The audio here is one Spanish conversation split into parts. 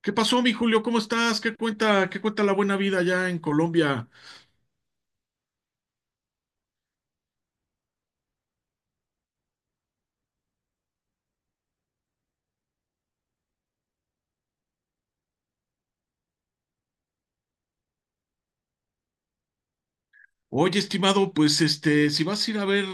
¿Qué pasó, mi Julio? ¿Cómo estás? ¿Qué cuenta la buena vida allá en Colombia? Oye, estimado, pues este, si vas a ir a ver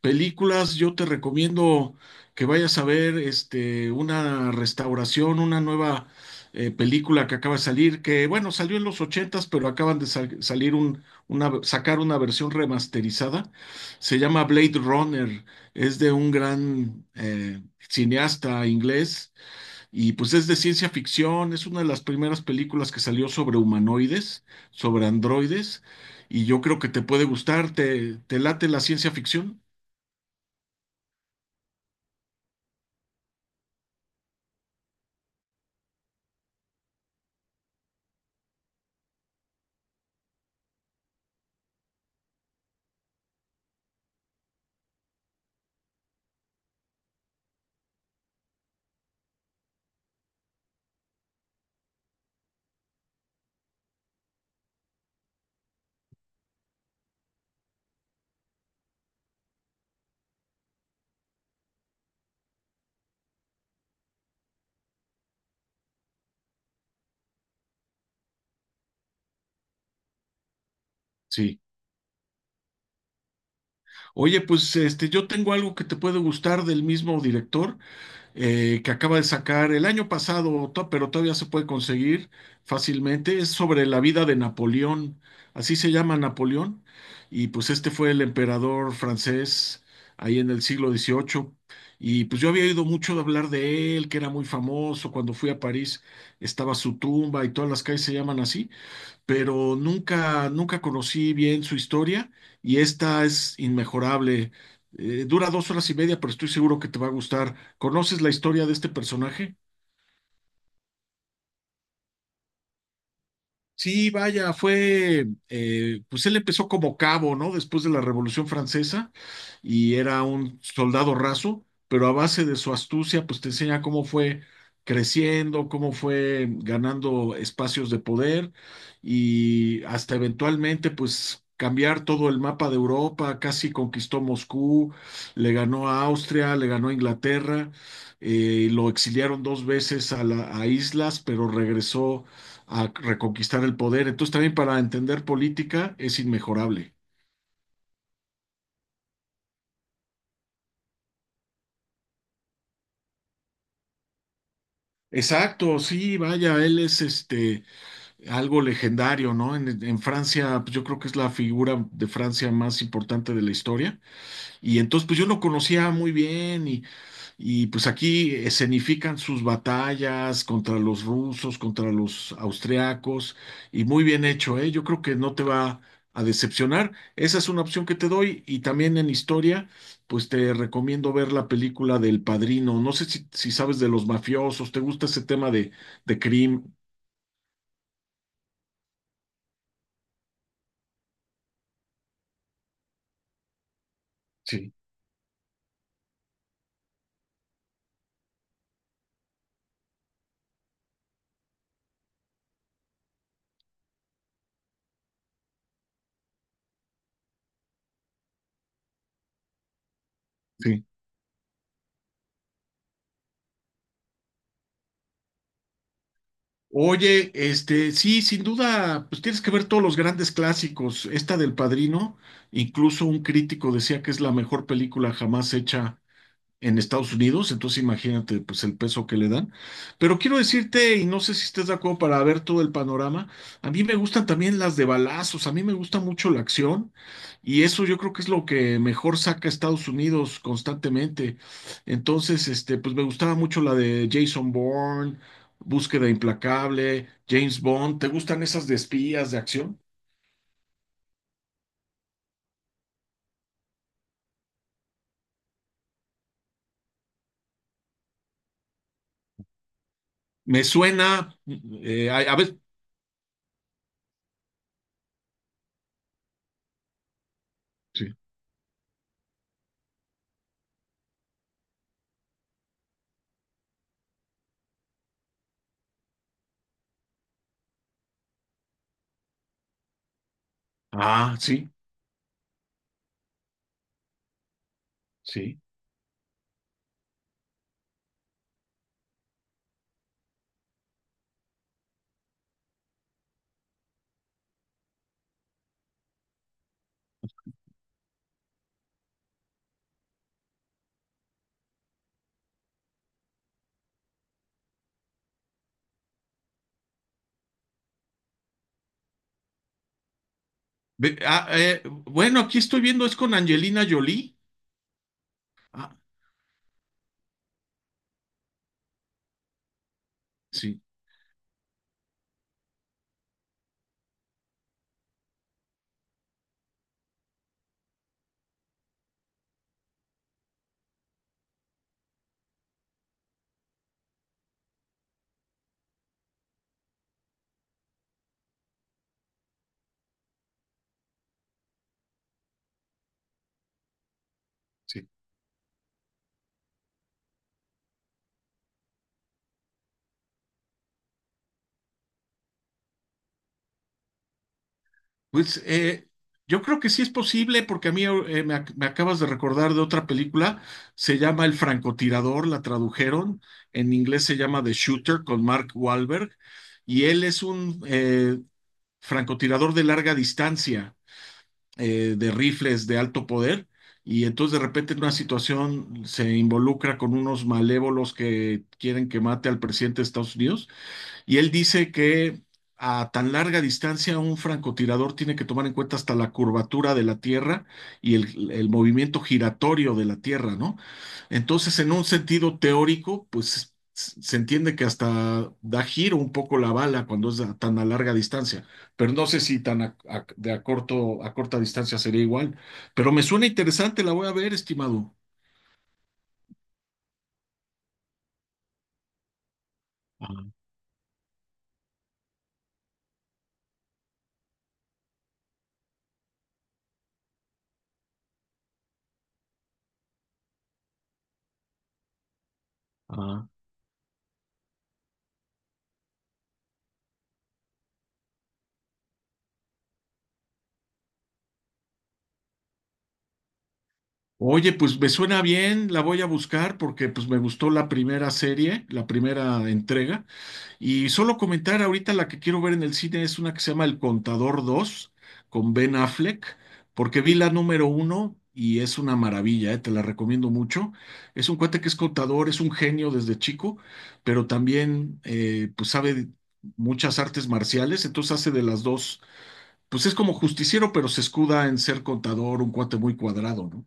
películas, yo te recomiendo que vayas a ver este una restauración, una nueva película que acaba de salir, que bueno, salió en los ochentas, pero acaban de salir un, una, sacar una versión remasterizada. Se llama Blade Runner, es de un gran cineasta inglés. Y pues es de ciencia ficción, es una de las primeras películas que salió sobre humanoides, sobre androides, y yo creo que te puede gustar. ¿Te late la ciencia ficción? Sí. Oye, pues este, yo tengo algo que te puede gustar del mismo director, que acaba de sacar el año pasado, pero todavía se puede conseguir fácilmente. Es sobre la vida de Napoleón, así se llama Napoleón, y pues este fue el emperador francés ahí en el siglo XVIII. Y pues yo había oído mucho hablar de él, que era muy famoso. Cuando fui a París estaba su tumba y todas las calles se llaman así, pero nunca, nunca conocí bien su historia, y esta es inmejorable. Dura dos horas y media, pero estoy seguro que te va a gustar. ¿Conoces la historia de este personaje? Sí, vaya, fue, pues él empezó como cabo, ¿no? Después de la Revolución Francesa y era un soldado raso, pero a base de su astucia, pues te enseña cómo fue creciendo, cómo fue ganando espacios de poder y hasta eventualmente, pues cambiar todo el mapa de Europa, casi conquistó Moscú, le ganó a Austria, le ganó a Inglaterra, lo exiliaron dos veces a islas, pero regresó a reconquistar el poder. Entonces también para entender política es inmejorable. Exacto, sí, vaya, él es este algo legendario, ¿no? En Francia, pues, yo creo que es la figura de Francia más importante de la historia. Y entonces, pues yo lo conocía muy bien. Y pues aquí escenifican sus batallas contra los rusos, contra los austriacos, y muy bien hecho, ¿eh? Yo creo que no te va a decepcionar. Esa es una opción que te doy. Y también en historia, pues te recomiendo ver la película del Padrino. No sé si, si sabes de los mafiosos, ¿te gusta ese tema de crimen? Sí, sí. Oye, este, sí, sin duda, pues tienes que ver todos los grandes clásicos. Esta del Padrino, incluso un crítico decía que es la mejor película jamás hecha en Estados Unidos, entonces imagínate pues el peso que le dan. Pero quiero decirte, y no sé si estés de acuerdo, para ver todo el panorama, a mí me gustan también las de balazos, a mí me gusta mucho la acción y eso yo creo que es lo que mejor saca a Estados Unidos constantemente. Entonces, este, pues me gustaba mucho la de Jason Bourne, Búsqueda Implacable, James Bond, ¿te gustan esas de espías, de acción? Me suena, a veces... Sí. Ah, sí, sí. Bueno, aquí estoy viendo, es con Angelina Jolie. Ah, sí, sí. Pues yo creo que sí es posible, porque a mí me acabas de recordar de otra película, se llama El francotirador, la tradujeron, en inglés se llama The Shooter con Mark Wahlberg, y él es un francotirador de larga distancia, de rifles de alto poder. Y entonces de repente en una situación se involucra con unos malévolos que quieren que mate al presidente de Estados Unidos. Y él dice que a tan larga distancia un francotirador tiene que tomar en cuenta hasta la curvatura de la Tierra y el movimiento giratorio de la Tierra, ¿no? Entonces, en un sentido teórico, pues se entiende que hasta da giro un poco la bala cuando es a tan a larga distancia, pero no sé si tan de a corto, a corta distancia sería igual, pero me suena interesante, la voy a ver, estimado. Ajá, ajá. Oye, pues me suena bien, la voy a buscar porque pues me gustó la primera serie, la primera entrega. Y solo comentar ahorita la que quiero ver en el cine es una que se llama El Contador dos con Ben Affleck, porque vi la número uno y es una maravilla, te la recomiendo mucho. Es un cuate que es contador, es un genio desde chico, pero también pues sabe muchas artes marciales, entonces hace de las dos, pues es como justiciero, pero se escuda en ser contador, un cuate muy cuadrado, ¿no?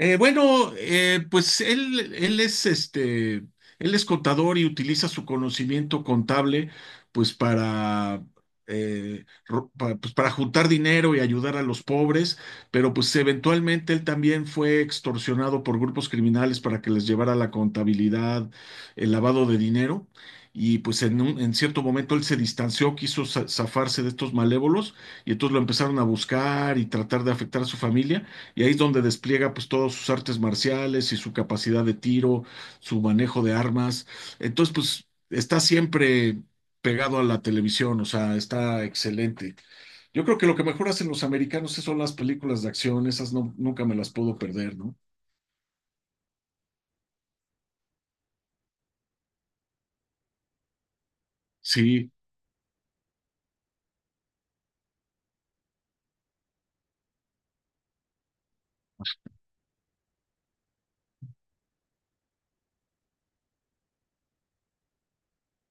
Bueno, pues él, él es este, él es contador y utiliza su conocimiento contable, pues para, pues, para juntar dinero y ayudar a los pobres, pero pues eventualmente él también fue extorsionado por grupos criminales para que les llevara la contabilidad, el lavado de dinero. Y pues en en cierto momento él se distanció, quiso zafarse de estos malévolos y entonces lo empezaron a buscar y tratar de afectar a su familia. Y ahí es donde despliega pues todas sus artes marciales y su capacidad de tiro, su manejo de armas. Entonces, pues está siempre pegado a la televisión, o sea, está excelente. Yo creo que lo que mejor hacen los americanos son las películas de acción, esas no, nunca me las puedo perder, ¿no? Sí,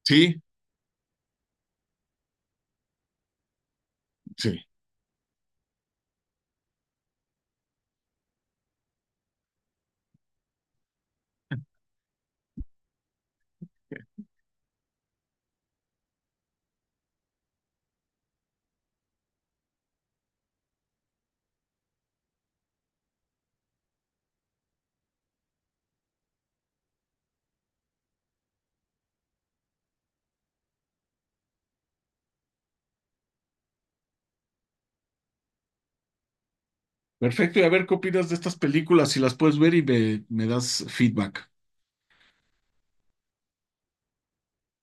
sí, sí. Perfecto, y a ver qué opinas de estas películas, si las puedes ver y me das feedback.